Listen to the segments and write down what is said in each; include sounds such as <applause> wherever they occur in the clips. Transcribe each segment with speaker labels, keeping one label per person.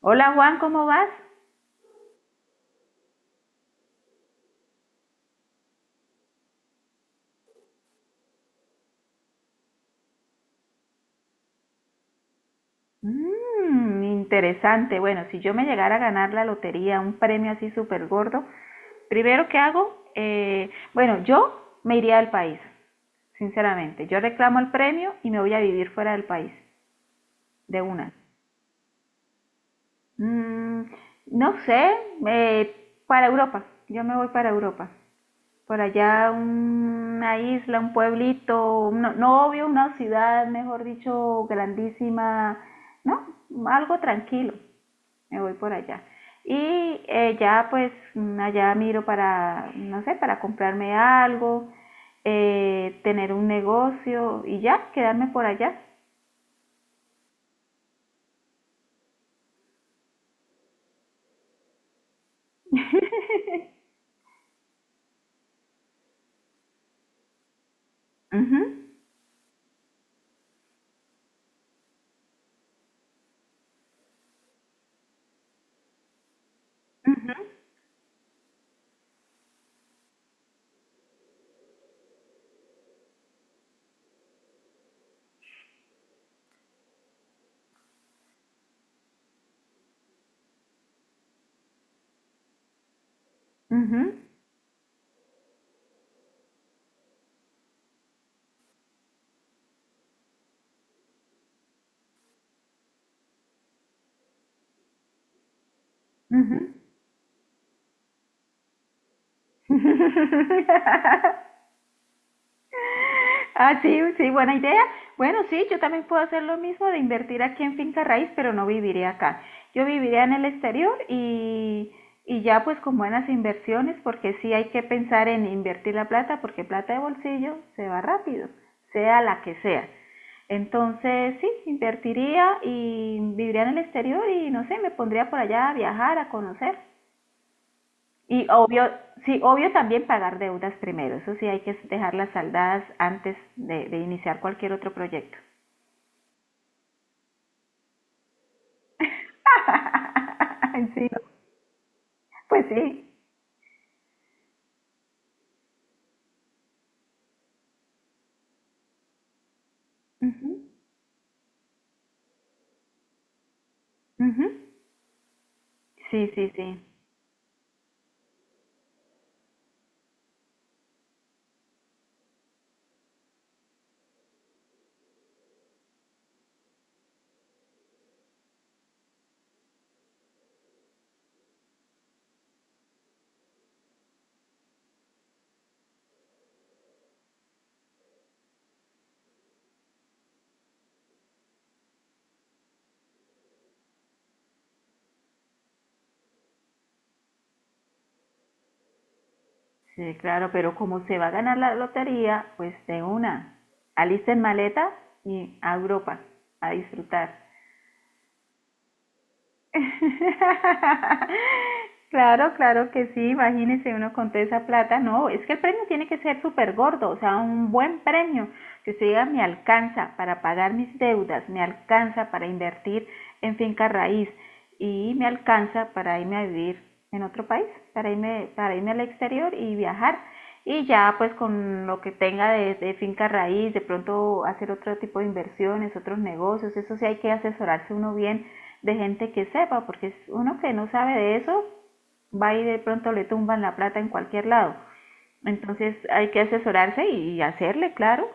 Speaker 1: Hola Juan, ¿cómo vas? Mmm, interesante. Bueno, si yo me llegara a ganar la lotería, un premio así súper gordo, primero que hago, bueno, yo me iría del país, sinceramente. Yo reclamo el premio y me voy a vivir fuera del país, de una. Mm, no sé, eh, para Europa. Yo me voy para Europa. Por allá una isla, un pueblito, no, no obvio, una ciudad, mejor dicho, grandísima, ¿no? Algo tranquilo, me voy por allá. Y ya pues allá miro para, no sé, para comprarme algo, tener un negocio y ya, quedarme por allá. Ujú, ujú, ujú, ujú. <laughs> Ah, sí, sí, buena idea. Bueno, sí, yo también puedo hacer lo mismo de invertir aquí en finca raíz, pero no viviré acá. Yo viviré en el exterior y ya pues con buenas inversiones, porque sí hay que pensar en invertir la plata, porque plata de bolsillo se va rápido, sea la que sea. Entonces, sí, invertiría y viviría en el exterior y no sé, me pondría por allá a viajar, a conocer. Y obvio, sí, obvio también pagar deudas primero. Eso sí, hay que dejarlas saldadas antes de iniciar cualquier otro proyecto. <laughs> Sí, pues sí. Ujú, ujú. Sí, sí, sí. Sí, claro, pero como se va a ganar la lotería, pues de una. Alisten maleta y a Europa a disfrutar. <laughs> Claro, claro que sí, imagínese uno con toda esa plata, no, es que el premio tiene que ser súper gordo, o sea, un buen premio, que usted diga, me alcanza para pagar mis deudas, me alcanza para invertir en finca raíz y me alcanza para irme a vivir en otro país, para irme al exterior y viajar. Y ya pues con lo que tenga de finca raíz, de pronto hacer otro tipo de inversiones, otros negocios, eso sí hay que asesorarse uno bien de gente que sepa, porque es uno que no sabe de eso va y de pronto le tumban la plata en cualquier lado. Entonces hay que asesorarse y hacerle, claro.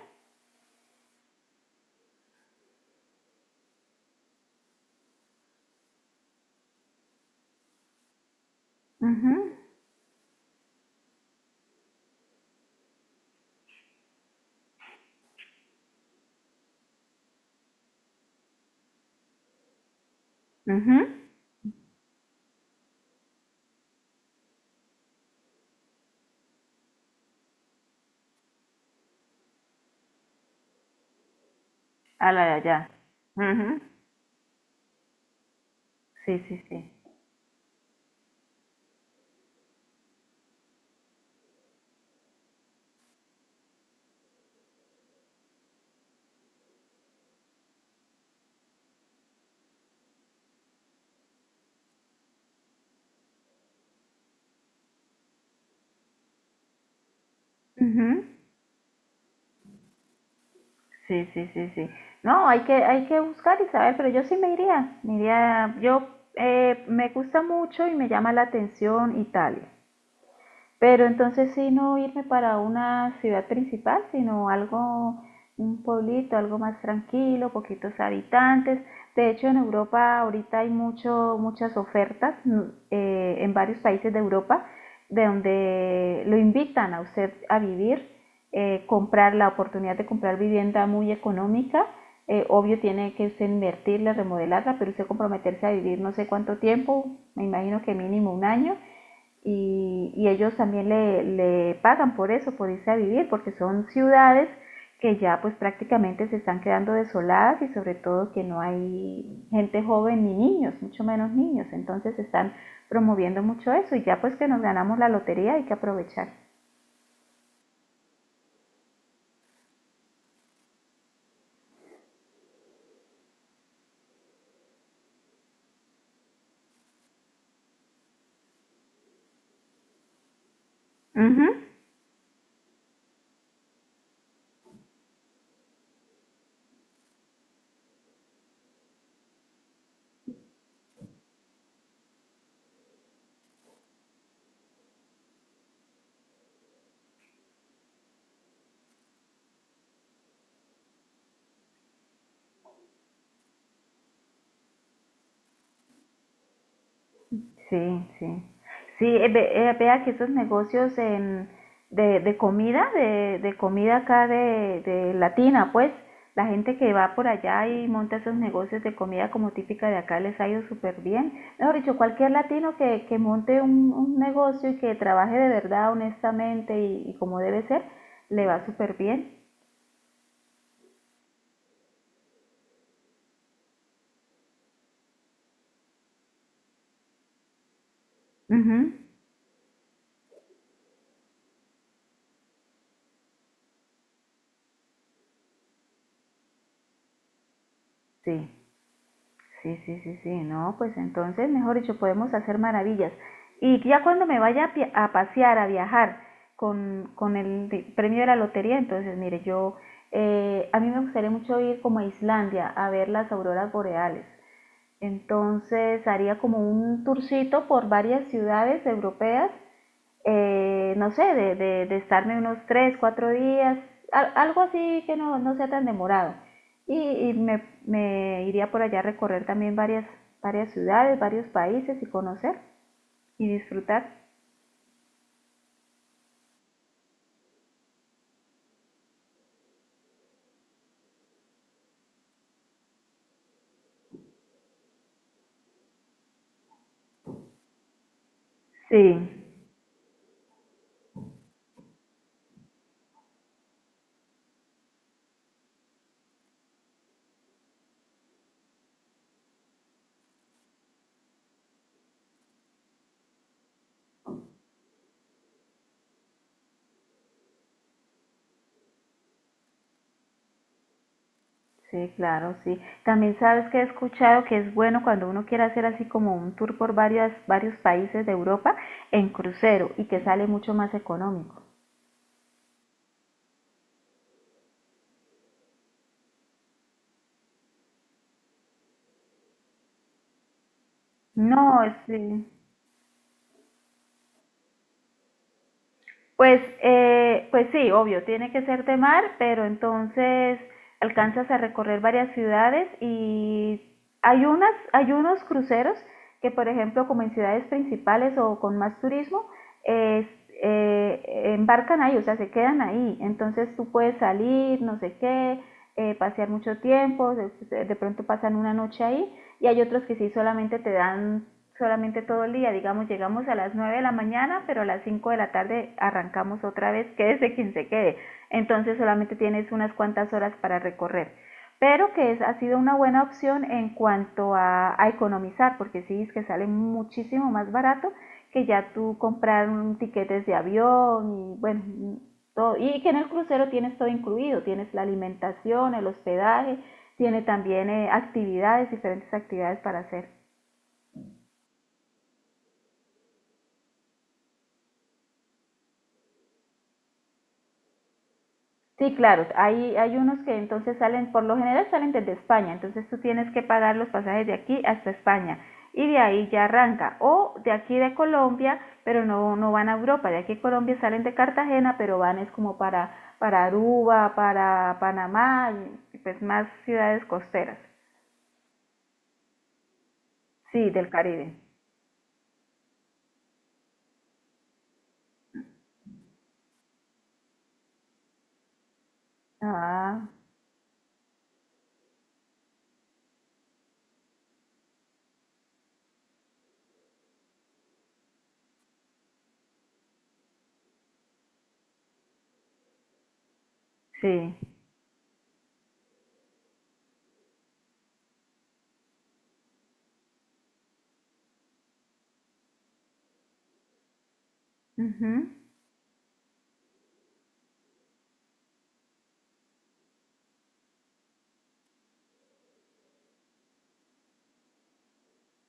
Speaker 1: Ujú, ujú. A la de allá. Ujú. Sí, sí, sí. Ujú. Sí, sí, sí, sí. No, hay que buscar y saber, pero yo sí me iría, yo me gusta mucho y me llama la atención Italia. Pero entonces sí no irme para una ciudad principal, sino algo, un pueblito, algo más tranquilo, poquitos habitantes. De hecho, en Europa ahorita hay mucho, muchas ofertas, en varios países de Europa de donde lo invitan a usted a vivir, comprar la oportunidad de comprar vivienda muy económica. Obvio tiene que usted invertirla, remodelarla, pero usted comprometerse a vivir no sé cuánto tiempo, me imagino que mínimo un año y ellos también le pagan por eso, por irse a vivir, porque son ciudades que ya pues prácticamente se están quedando desoladas y sobre todo que no hay gente joven ni niños, mucho menos niños. Entonces están promoviendo mucho eso y ya pues que nos ganamos la lotería hay que aprovechar. Uh -huh. Sí, sí. Sí, vea que estos negocios, de comida, de comida acá de Latina, pues, la gente que va por allá y monta esos negocios de comida como típica de acá les ha ido súper bien. Mejor dicho, cualquier latino que monte un negocio y que trabaje de verdad, honestamente y como debe ser, le va súper bien. Ujú. Sí. Sí, sí, sí, sí, no, pues entonces, mejor dicho, podemos hacer maravillas. Y ya cuando me vaya a pasear, a viajar con el premio de la lotería, entonces, mire, a mí me gustaría mucho ir como a Islandia a ver las auroras boreales. Entonces, haría como un tourcito por varias ciudades europeas, no sé, estarme unos 3 4 días, algo así que no, no sea tan demorado. Y me iría por allá a recorrer también varias ciudades, varios países y conocer y disfrutar. Sí, sí, claro, sí. También sabes que he escuchado que es bueno cuando uno quiere hacer así como un tour por varios países de Europa en crucero y que sale mucho más económico. No, sí, pues, pues sí, obvio, tiene que ser de mar, pero entonces alcanzas a recorrer varias ciudades y hay unos cruceros que, por ejemplo, como en ciudades principales o con más turismo, es- eh, embarcan ahí, o sea, se quedan ahí. Entonces tú puedes salir, no sé qué, pasear mucho tiempo, de pronto pasan una noche ahí y hay otros que sí solamente te dan solamente todo el día, digamos, llegamos a las 9 de la mañana, pero a las 5 de la tarde arrancamos otra vez, quédese quien se quede. Entonces solamente tienes unas cuantas horas para recorrer. Pero ha sido una buena opción en cuanto a economizar, porque sí es que sale muchísimo más barato que ya tú comprar un tiquetes de avión y bueno, todo. Y que en el crucero tienes todo incluido, tienes la alimentación, el hospedaje, tiene también actividades, diferentes actividades para hacer. Sí, claro, hay unos que entonces salen, por lo general salen desde España, entonces tú tienes que pagar los pasajes de aquí hasta España y de ahí ya arranca, o de aquí de Colombia, pero no, no van a Europa, de aquí a Colombia salen de Cartagena, pero van es como para, Aruba, para Panamá, pues más ciudades costeras, sí, del Caribe. Ah, sí, ujú,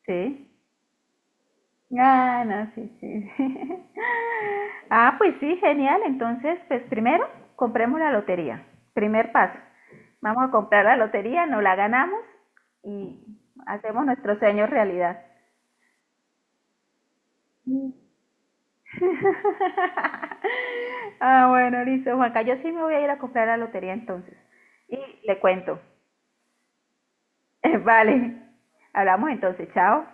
Speaker 1: sí. Ah, no, sí, sí, sí. <laughs> Ah, pues sí, genial. Entonces, pues primero compremos la lotería. Primer paso. Vamos a comprar la lotería, nos la ganamos y hacemos nuestro sueño realidad. <laughs> Ah, bueno, listo, Juanca. Yo sí me voy a ir a comprar la lotería entonces. Y le cuento. <laughs> Vale. Hablamos entonces. Chao.